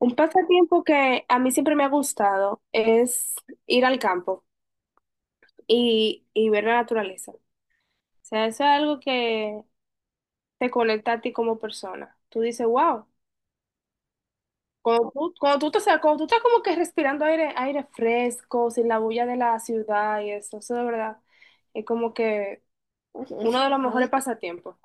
Un pasatiempo que a mí siempre me ha gustado es ir al campo y ver la naturaleza. O sea, eso es algo que te conecta a ti como persona. Tú dices, wow, cuando tú estás como que respirando aire fresco, sin la bulla de la ciudad y eso de verdad es como que uno de los mejores pasatiempos.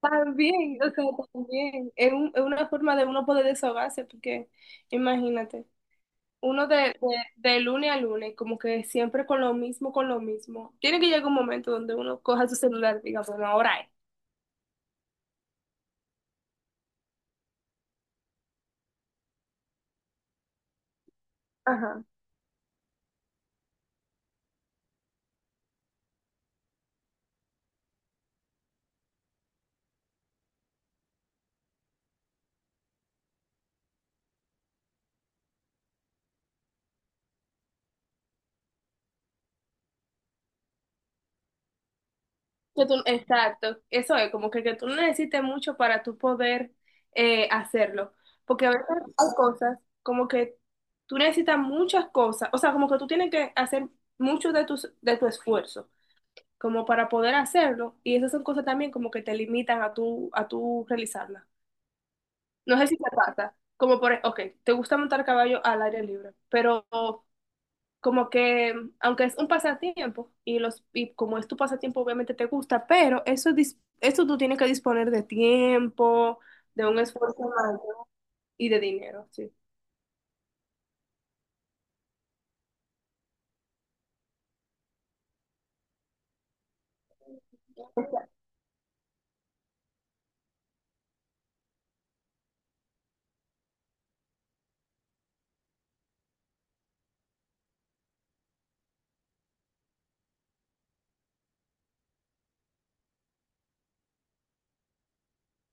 También, o sea, también. Es una forma de uno poder desahogarse, porque imagínate. Uno de lunes a lunes, como que siempre con lo mismo, con lo mismo. Tiene que llegar un momento donde uno coja su celular y diga, bueno, ahora es. Ajá. Exacto, eso es, como que tú no necesites mucho para tú poder hacerlo. Porque a veces hay cosas como que tú necesitas muchas cosas, o sea, como que tú tienes que hacer mucho de tu esfuerzo, como para poder hacerlo. Y esas son cosas también como que te limitan a tú realizarlas. No sé si te pasa, como por, ok, te gusta montar caballo al aire libre, pero como que, aunque es un pasatiempo y los y como es tu pasatiempo, obviamente te gusta, pero eso tú tienes que disponer de tiempo, de un esfuerzo mayor y de dinero, sí.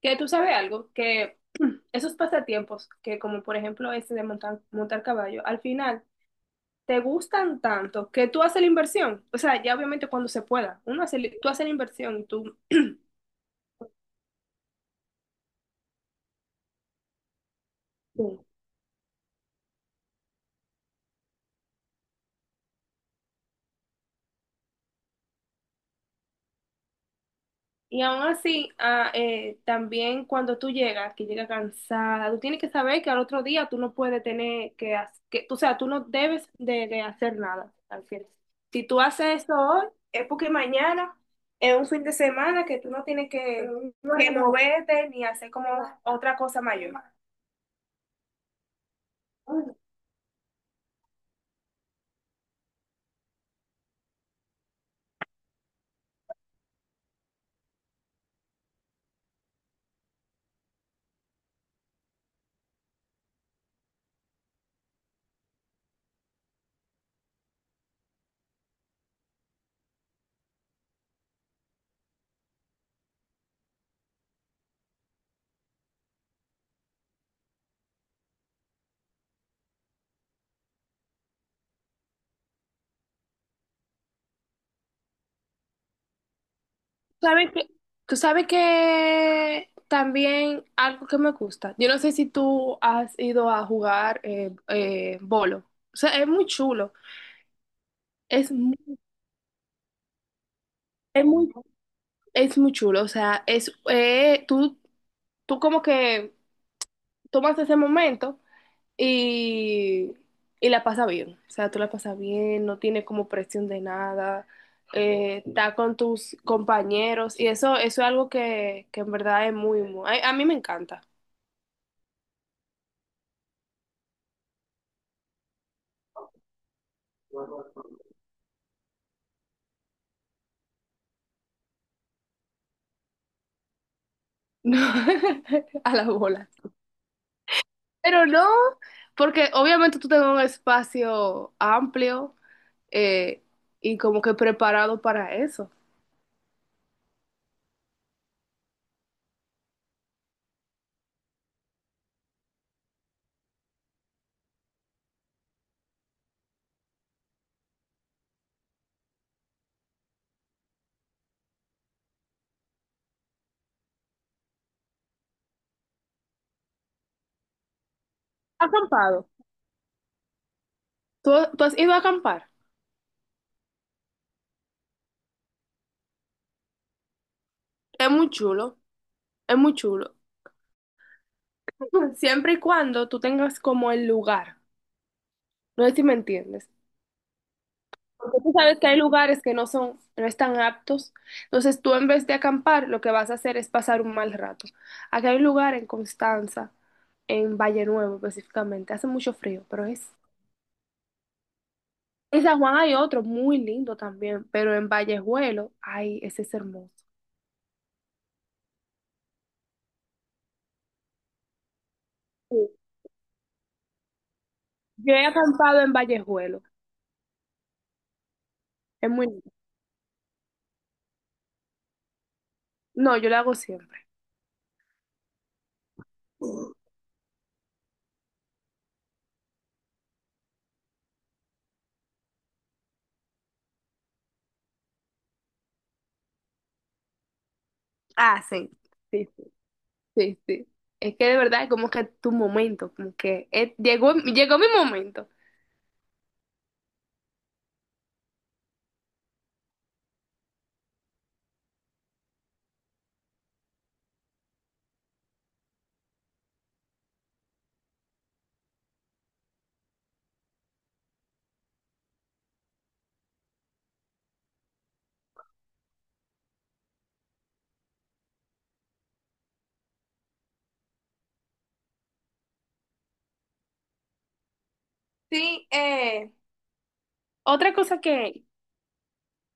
Que tú sabes algo, que esos pasatiempos, que como por ejemplo este de montar caballo, al final te gustan tanto que tú haces la inversión. O sea, ya obviamente cuando se pueda, uno tú haces la inversión y tú sí. Y aún así, ah, también cuando tú llegas, que llegas cansada, tú tienes que saber que al otro día tú no puedes tener que, o sea, tú no debes de hacer nada al final. Si tú haces eso hoy, es porque mañana es un fin de semana que tú no tienes que moverte ni hacer como otra cosa mayor. ¿Sabes que tú sabes que también algo que me gusta? Yo no sé si tú has ido a jugar bolo. O sea, es muy chulo. Es mu- es muy, es muy chulo, o sea, tú como que tomas ese momento y, y la pasas bien, o sea, tú la pasas bien, no tienes como presión de nada, está con tus compañeros y eso es algo que en verdad es muy, muy, a mí me encanta. A la bola. Pero no, porque obviamente tú tengas un espacio amplio eh, y como que preparado para eso. Acampado. ¿Tú, Tú has ido a acampar? Es muy chulo, es muy chulo. Siempre y cuando tú tengas como el lugar. No sé si me entiendes. Porque tú sabes que hay lugares que no están aptos. Entonces tú en vez de acampar, lo que vas a hacer es pasar un mal rato. Aquí hay un lugar en Constanza, en Valle Nuevo específicamente. Hace mucho frío, pero es... En San Juan hay otro muy lindo también, pero en Vallejuelo, ay, ese es hermoso. Sí. Yo he acampado en Vallejuelo. Es muy lindo. No, yo lo hago siempre. Ah, sí, sí, sí, sí, sí. Es que de verdad es como que tu momento, como que llegó, llegó mi momento. Sí, otra cosa que...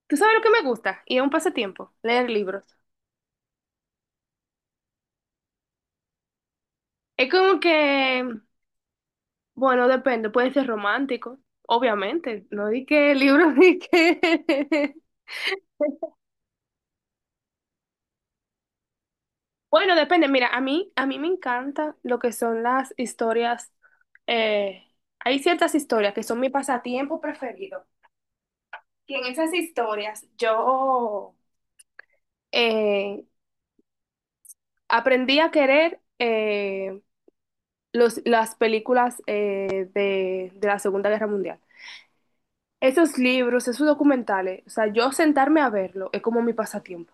¿tú sabes lo que me gusta? Y es un pasatiempo, leer libros. Es como que, bueno, depende, puede ser romántico, obviamente, no di que libros, di que... Bueno, depende, mira, a mí me encanta lo que son las historias, eh, hay ciertas historias que son mi pasatiempo preferido. Y en esas historias yo eh, aprendí a querer los, las películas eh, de de la Segunda Guerra Mundial. Esos libros, esos documentales, o sea, yo sentarme a verlo es como mi pasatiempo.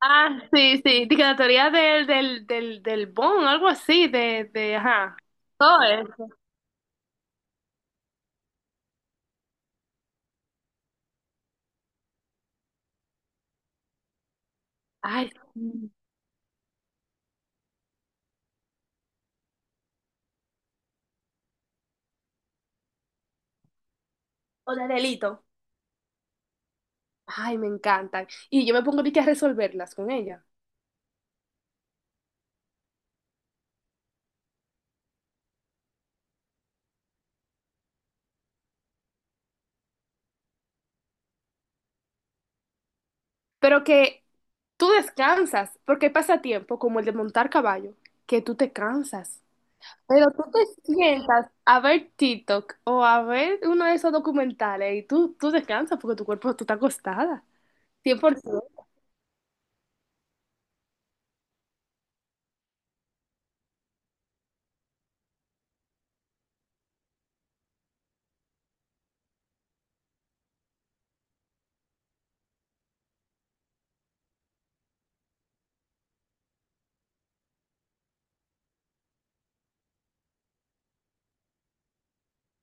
Ah, sí, sí, de que la teoría del Bond, algo así, ajá, todo eso. Ay, sí. O de delito. Ay, me encantan. Y yo me pongo de que a resolverlas con ella. Pero que tú descansas, porque hay pasatiempo como el de montar caballo, que tú te cansas. Pero tú te sientas a ver TikTok o a ver uno de esos documentales y tú descansas porque tu cuerpo, tú estás acostada. 100%.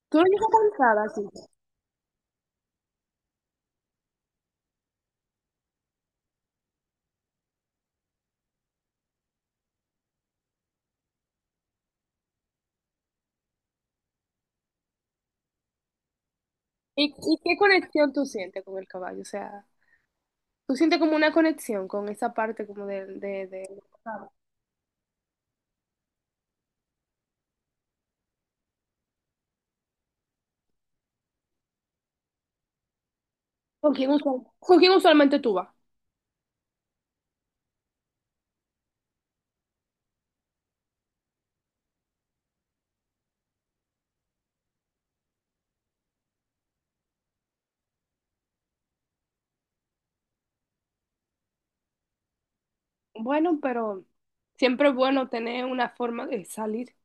Tú no llegas cansada así. ¿ y qué conexión tú sientes con el caballo? O sea, tú sientes como una conexión con esa parte como de... de... ¿Con quién con quién usualmente tú vas? Bueno, pero siempre es bueno tener una forma de salir.